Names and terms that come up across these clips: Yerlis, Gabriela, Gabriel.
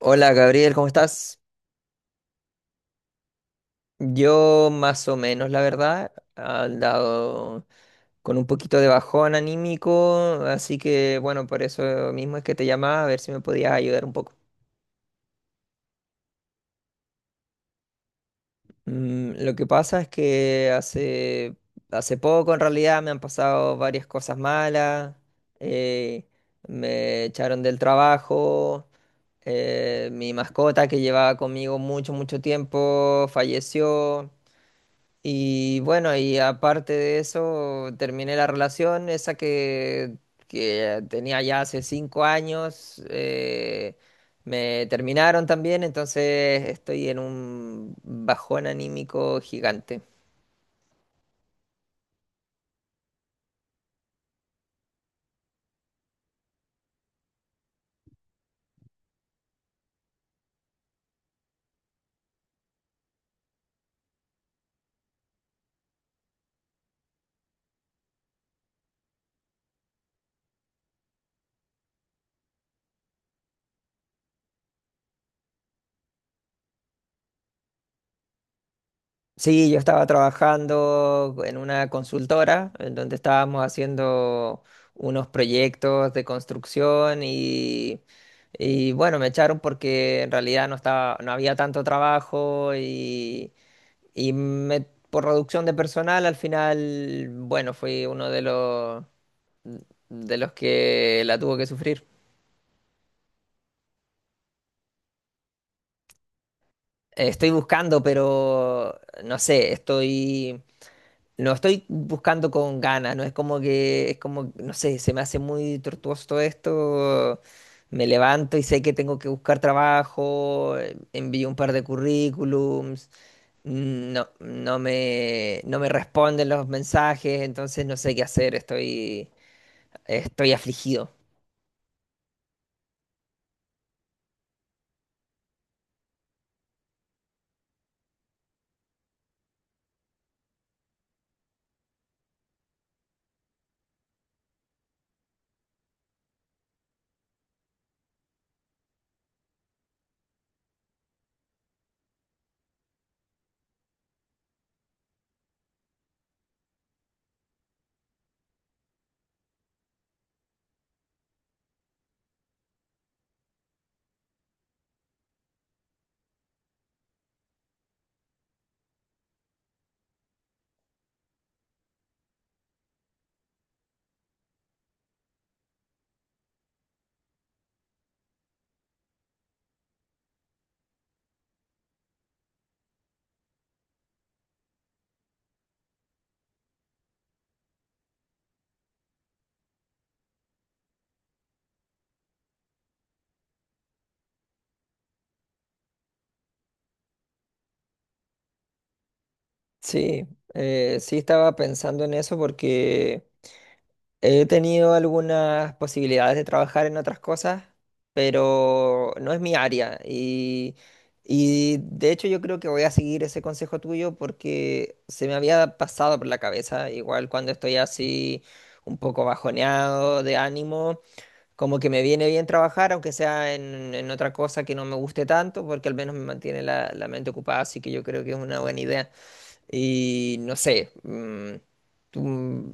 Hola Gabriel, ¿cómo estás? Yo más o menos, la verdad, he dado con un poquito de bajón anímico, así que bueno, por eso mismo es que te llamaba a ver si me podías ayudar un poco. Lo que pasa es que hace poco en realidad me han pasado varias cosas malas. eh, Me echaron del trabajo. Mi mascota que llevaba conmigo mucho, mucho tiempo falleció. Y bueno, y aparte de eso, terminé la relación, esa que tenía ya hace 5 años. Me terminaron también, entonces estoy en un bajón anímico gigante. Sí, yo estaba trabajando en una consultora en donde estábamos haciendo unos proyectos de construcción y bueno, me echaron porque en realidad no había tanto trabajo y Y me- por reducción de personal, al final, bueno, fui uno de los que la tuvo que sufrir. Estoy buscando, pero no sé, no estoy buscando con ganas, no es como que, es como, no sé, se me hace muy tortuoso todo esto. Me levanto y sé que tengo que buscar trabajo, envío un par de currículums. No, no me responden los mensajes, entonces no sé qué hacer. Estoy afligido. Sí, sí estaba pensando en eso porque he tenido algunas posibilidades de trabajar en otras cosas, pero no es mi área. Y de hecho yo creo que voy a seguir ese consejo tuyo porque se me había pasado por la cabeza, igual cuando estoy así un poco bajoneado de ánimo, como que me viene bien trabajar, aunque sea en otra cosa que no me guste tanto, porque al menos me mantiene la, la mente ocupada, así que yo creo que es una buena idea. Y no sé, ¿tú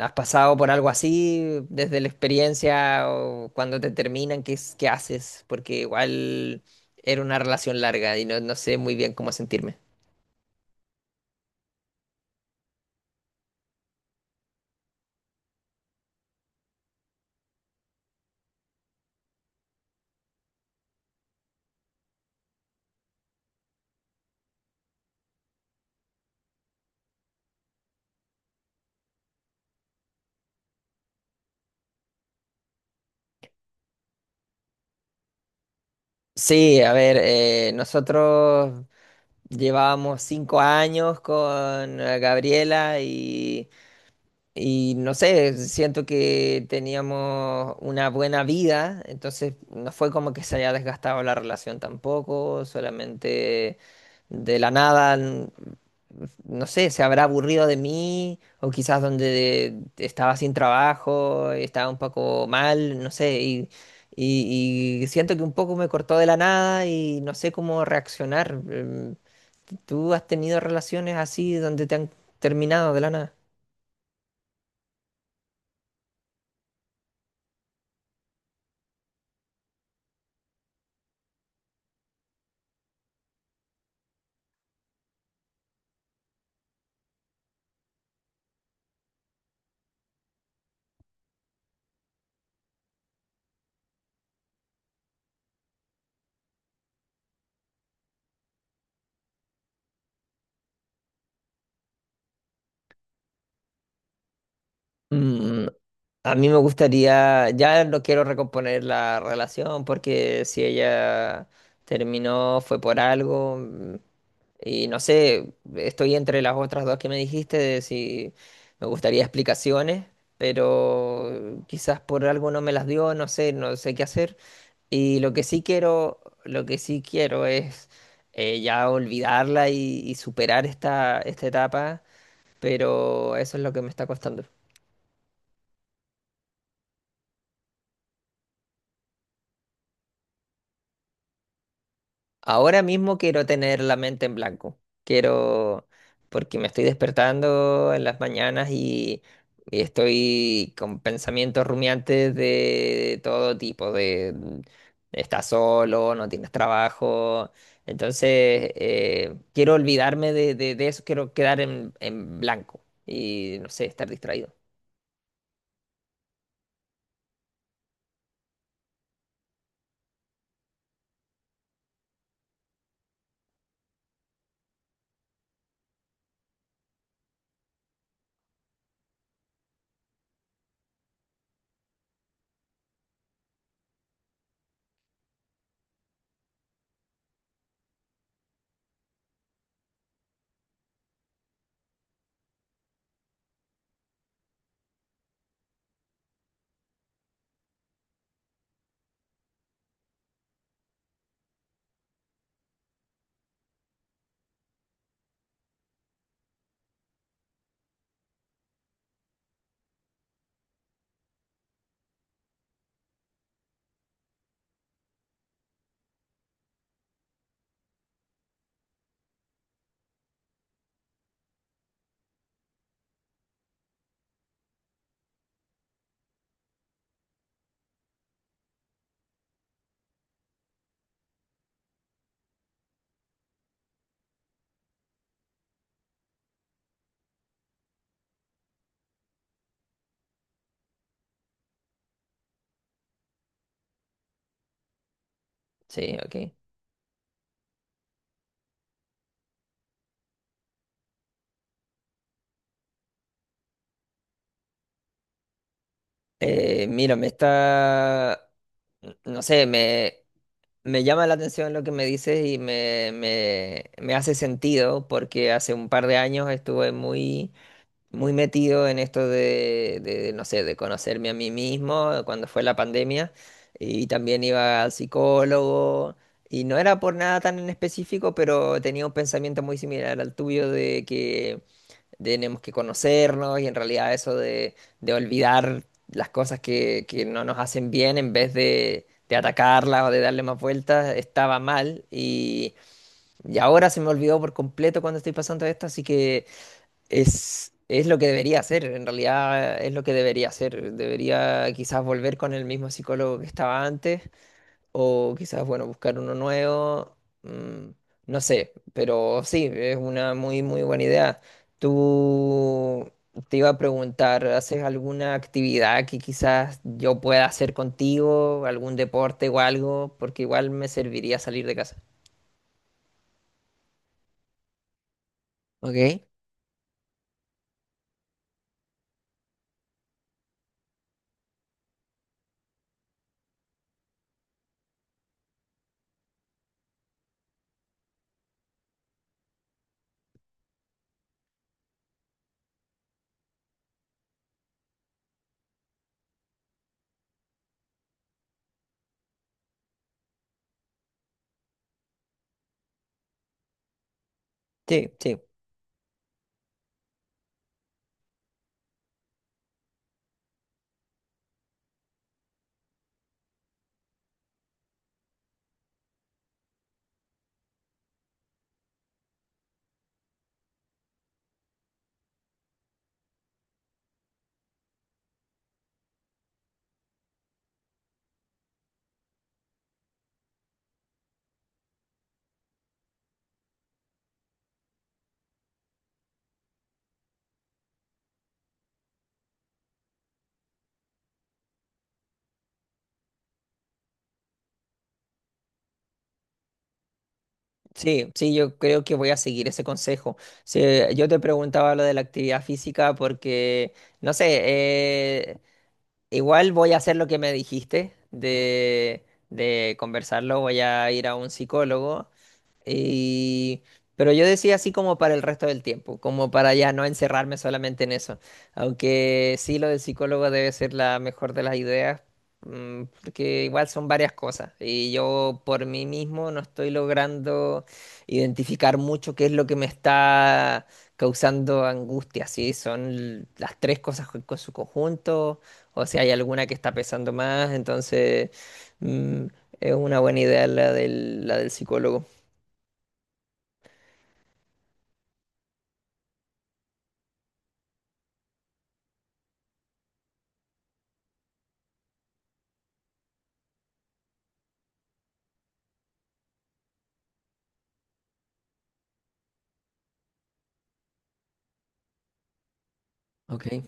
has pasado por algo así desde la experiencia o cuando te terminan? ¿Qué, qué haces? Porque igual era una relación larga y no, no sé muy bien cómo sentirme. Sí, a ver, nosotros llevábamos 5 años con Gabriela Y no sé, siento que teníamos una buena vida, entonces no fue como que se haya desgastado la relación tampoco, solamente de la nada, no sé, se habrá aburrido de mí o quizás donde estaba sin trabajo, estaba un poco mal, no sé, y siento que un poco me cortó de la nada y no sé cómo reaccionar. ¿Tú has tenido relaciones así donde te han terminado de la nada? A mí me gustaría, ya no quiero recomponer la relación porque si ella terminó fue por algo y no sé, estoy entre las otras dos que me dijiste de si me gustaría explicaciones, pero quizás por algo no me las dio, no sé, no sé qué hacer. Y lo que sí quiero, lo que sí quiero es ya olvidarla y superar esta etapa, pero eso es lo que me está costando. Ahora mismo quiero tener la mente en blanco. Quiero, porque me estoy despertando en las mañanas y estoy con pensamientos rumiantes de todo tipo, de estás solo, no tienes trabajo. Entonces, quiero olvidarme de eso, quiero quedar en blanco y, no sé, estar distraído. Sí, ok. Mira, no sé. Me llama la atención lo que me dices y me hace sentido porque hace un par de años estuve muy muy metido en esto, no sé, de conocerme a mí mismo cuando fue la pandemia y también iba al psicólogo y no era por nada tan en específico, pero tenía un pensamiento muy similar al tuyo de que tenemos que conocernos y en realidad eso de olvidar las cosas que no nos hacen bien en vez de atacarlas o de darle más vueltas estaba mal y ahora se me olvidó por completo cuando estoy pasando esto, así que. Es lo que debería hacer, en realidad es lo que debería hacer. Debería quizás volver con el mismo psicólogo que estaba antes o quizás, bueno, buscar uno nuevo. mm, no sé, pero sí, es una muy, muy buena idea. Tú Te iba a preguntar, ¿haces alguna actividad que quizás yo pueda hacer contigo? ¿Algún deporte o algo? Porque igual me serviría salir de casa. ¿Ok? Sí, sí. Sí, sí, yo creo que voy a seguir ese consejo. Sí, yo te preguntaba lo de la actividad física porque, no sé, igual voy a hacer lo que me dijiste de conversarlo, voy a ir a un psicólogo y. Pero yo decía así como para el resto del tiempo, como para ya no encerrarme solamente en eso. Aunque sí, lo del psicólogo debe ser la mejor de las ideas, porque igual son varias cosas. Y yo por mí mismo no estoy logrando identificar mucho qué es lo que me está causando angustia. Si son las tres cosas con su conjunto, o si hay alguna que está pesando más. Entonces, mm, es una buena idea la del psicólogo. Ok,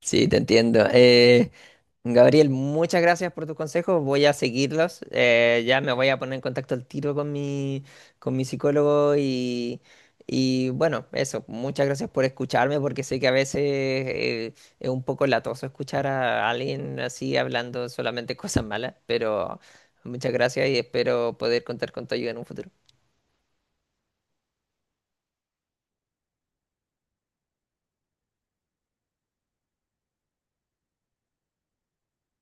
sí, te entiendo. Gabriel, muchas gracias por tus consejos. Voy a seguirlos. Ya me voy a poner en contacto al tiro con mi psicólogo y bueno, eso. Muchas gracias por escucharme porque sé que a veces es un poco latoso escuchar a alguien así hablando solamente cosas malas, pero muchas gracias y espero poder contar con tu ayuda en un futuro.